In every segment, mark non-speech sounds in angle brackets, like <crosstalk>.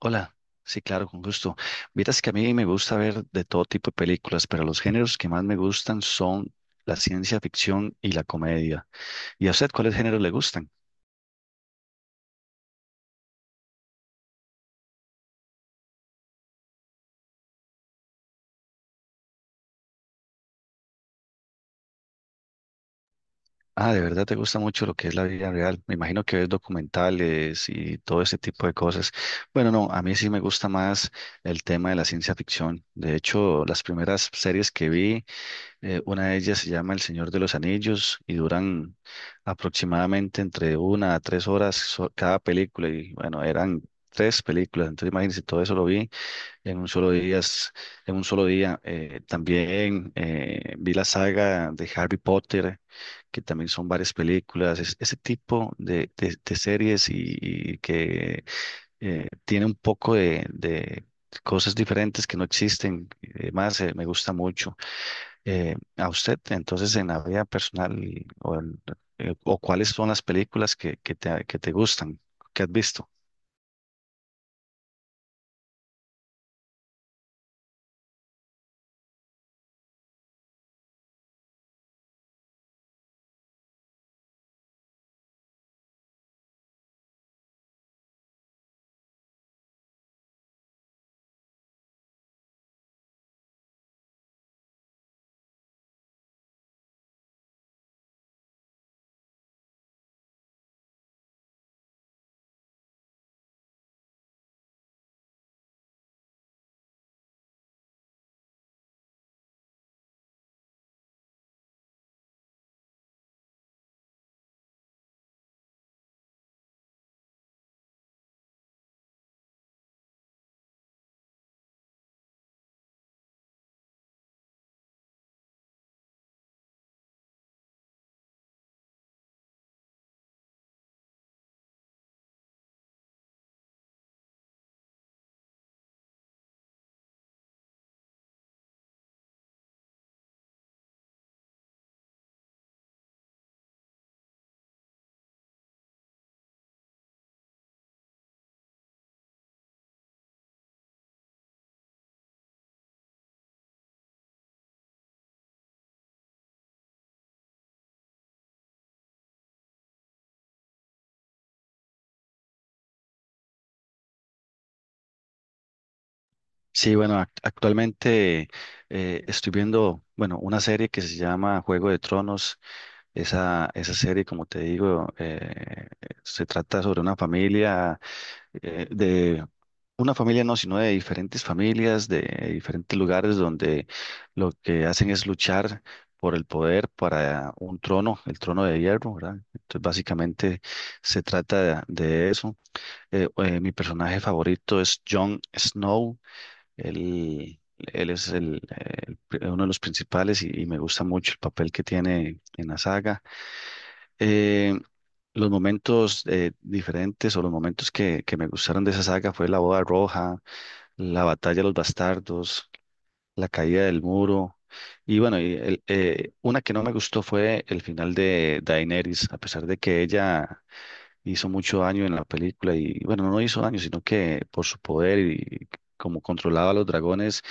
Hola, sí, claro, con gusto. Vieras que a mí me gusta ver de todo tipo de películas, pero los géneros que más me gustan son la ciencia ficción y la comedia. ¿Y a usted cuáles géneros le gustan? Ah, de verdad te gusta mucho lo que es la vida real. Me imagino que ves documentales y todo ese tipo de cosas. Bueno, no, a mí sí me gusta más el tema de la ciencia ficción. De hecho, las primeras series que vi una de ellas se llama El Señor de los Anillos y duran aproximadamente entre una a tres horas cada película. Y bueno, eran tres películas. Entonces imagínense, todo eso lo vi en un solo día. En un solo día. También vi la saga de Harry Potter, que también son varias películas. Ese tipo de, de series y que tiene un poco de cosas diferentes que no existen. Además, me gusta mucho a usted, entonces en la vida personal y- o, en- o cuáles son las películas que te gustan, que has visto. Sí, bueno, actualmente estoy viendo, bueno, una serie que se llama Juego de Tronos. Esa serie, como te digo, se trata sobre una familia, de una familia no, sino de diferentes familias, de diferentes lugares donde lo que hacen es luchar por el poder para un trono, el trono de hierro, ¿verdad? Entonces, básicamente se trata de eso. Mi personaje favorito es Jon Snow, él, él es el, uno de los principales y me gusta mucho el papel que tiene en la saga. Eh, los momentos diferentes o los momentos que me gustaron de esa saga fue la boda roja, la batalla de los bastardos, la caída del muro. Y bueno, una que no me gustó fue el final de Daenerys, a pesar de que ella hizo mucho daño en la película y bueno, no hizo daño, sino que por su poder y como controlaba a los dragones,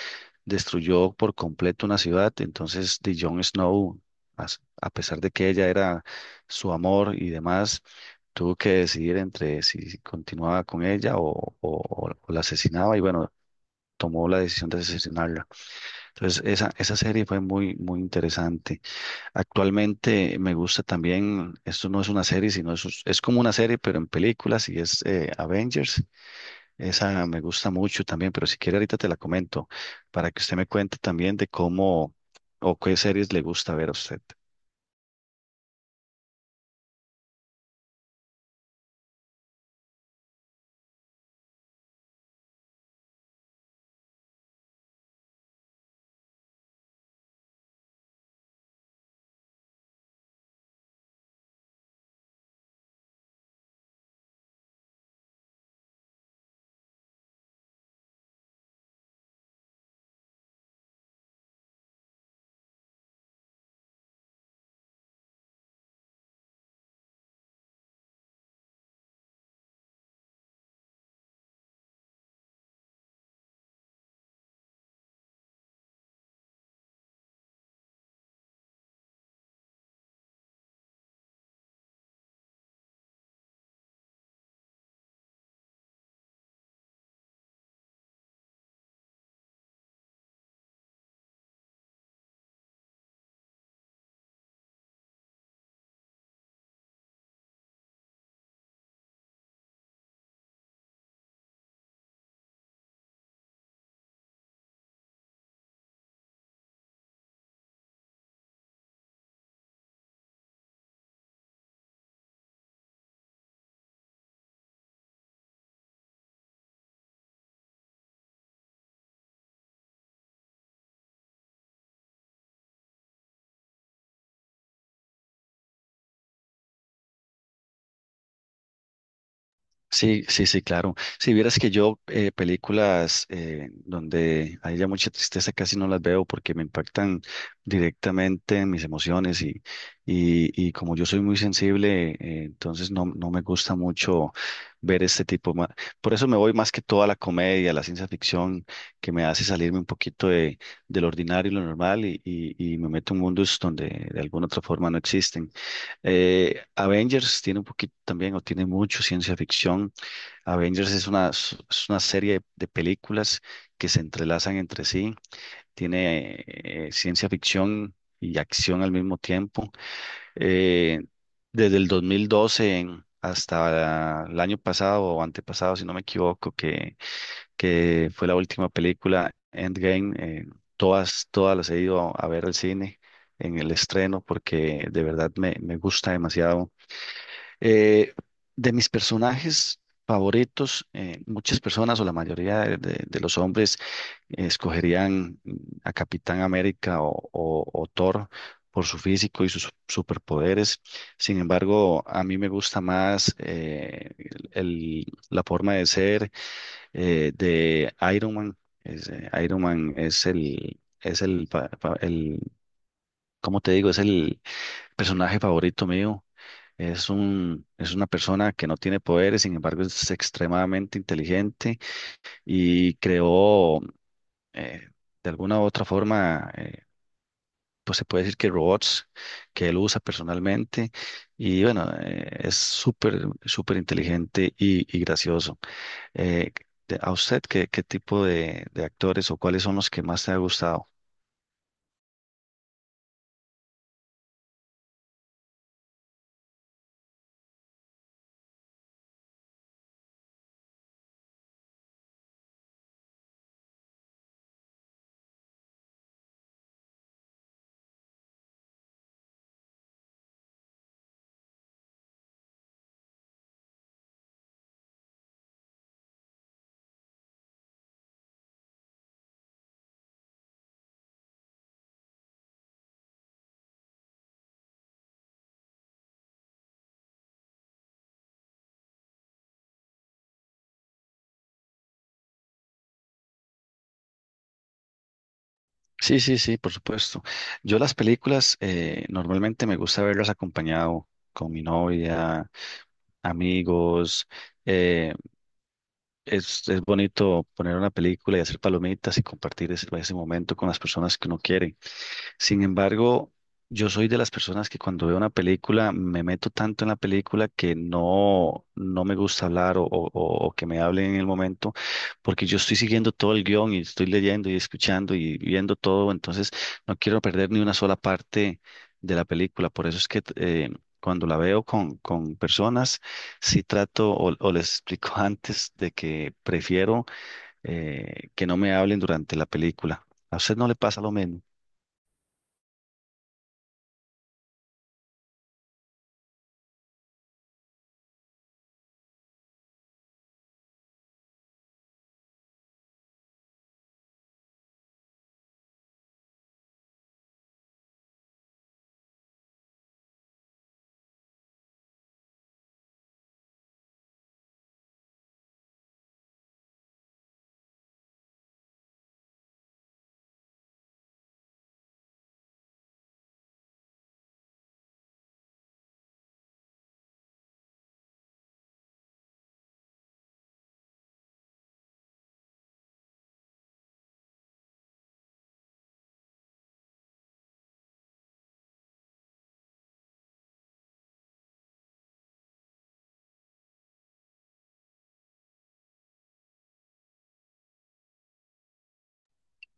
destruyó por completo una ciudad. Entonces, de Jon Snow, a pesar de que ella era su amor y demás, tuvo que decidir entre si continuaba con ella o, o la asesinaba y bueno, tomó la decisión de asesinarla. Entonces, esa serie fue muy, muy interesante. Actualmente me gusta también, esto no es una serie, sino es como una serie, pero en películas y es Avengers. Esa me gusta mucho también, pero si quiere ahorita te la comento para que usted me cuente también de cómo o qué series le gusta ver a usted. Sí, sí, sí, claro. Si vieras que yo películas donde haya mucha tristeza casi no las veo porque me impactan directamente en mis emociones y como yo soy muy sensible, entonces no, no me gusta mucho ver este tipo. Por eso me voy más que toda la comedia, la ciencia ficción, que me hace salirme un poquito de lo ordinario y lo normal y me meto en mundos donde de alguna otra forma no existen. Avengers tiene un poquito también o tiene mucho ciencia ficción. Avengers es una, es una serie de películas que se entrelazan entre sí, tiene ciencia ficción y acción al mismo tiempo. Eh, desde el 2012 hasta el año pasado o antepasado, si no me equivoco, que fue la última película Endgame, todas, todas las he ido a ver al cine en el estreno porque de verdad me, me gusta demasiado. Eh, de mis personajes favoritos, muchas personas o la mayoría de, de los hombres escogerían a Capitán América o, o Thor por su físico y sus superpoderes. Sin embargo, a mí me gusta más la forma de ser de Iron Man. Es, Iron Man es el, como te digo, es el personaje favorito mío. Es un, es una persona que no tiene poderes, sin embargo es extremadamente inteligente y creó eh, de alguna u otra forma, pues se puede decir que robots que él usa personalmente y bueno, es súper, súper inteligente y gracioso. Eh, ¿A usted qué, qué tipo de actores o cuáles son los que más te ha gustado? Sí, sí, sí, por supuesto. Yo las películas normalmente me gusta verlas acompañado con mi novia, amigos. eh, es bonito poner una película y hacer palomitas y compartir ese, ese momento con las personas que uno quiere. Sin embargo, yo soy de las personas que cuando veo una película me meto tanto en la película que no, no me gusta hablar o, o que me hablen en el momento porque yo estoy siguiendo todo el guión y estoy leyendo y escuchando y viendo todo, entonces no quiero perder ni una sola parte de la película. Por eso es que cuando la veo con personas, sí trato o les explico <laughs> antes de que prefiero que no me hablen durante la película. ¿A usted no le pasa lo mismo?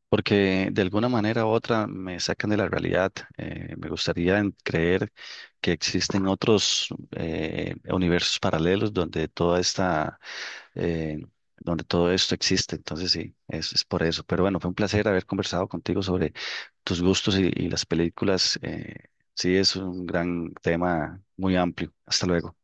Porque de alguna manera u otra me sacan de la realidad. Me gustaría creer que existen otros universos paralelos donde toda esta, eh, donde todo esto existe. Entonces sí, es por eso. Pero bueno, fue un placer haber conversado contigo sobre tus gustos y las películas. Sí, es un gran tema muy amplio. Hasta luego.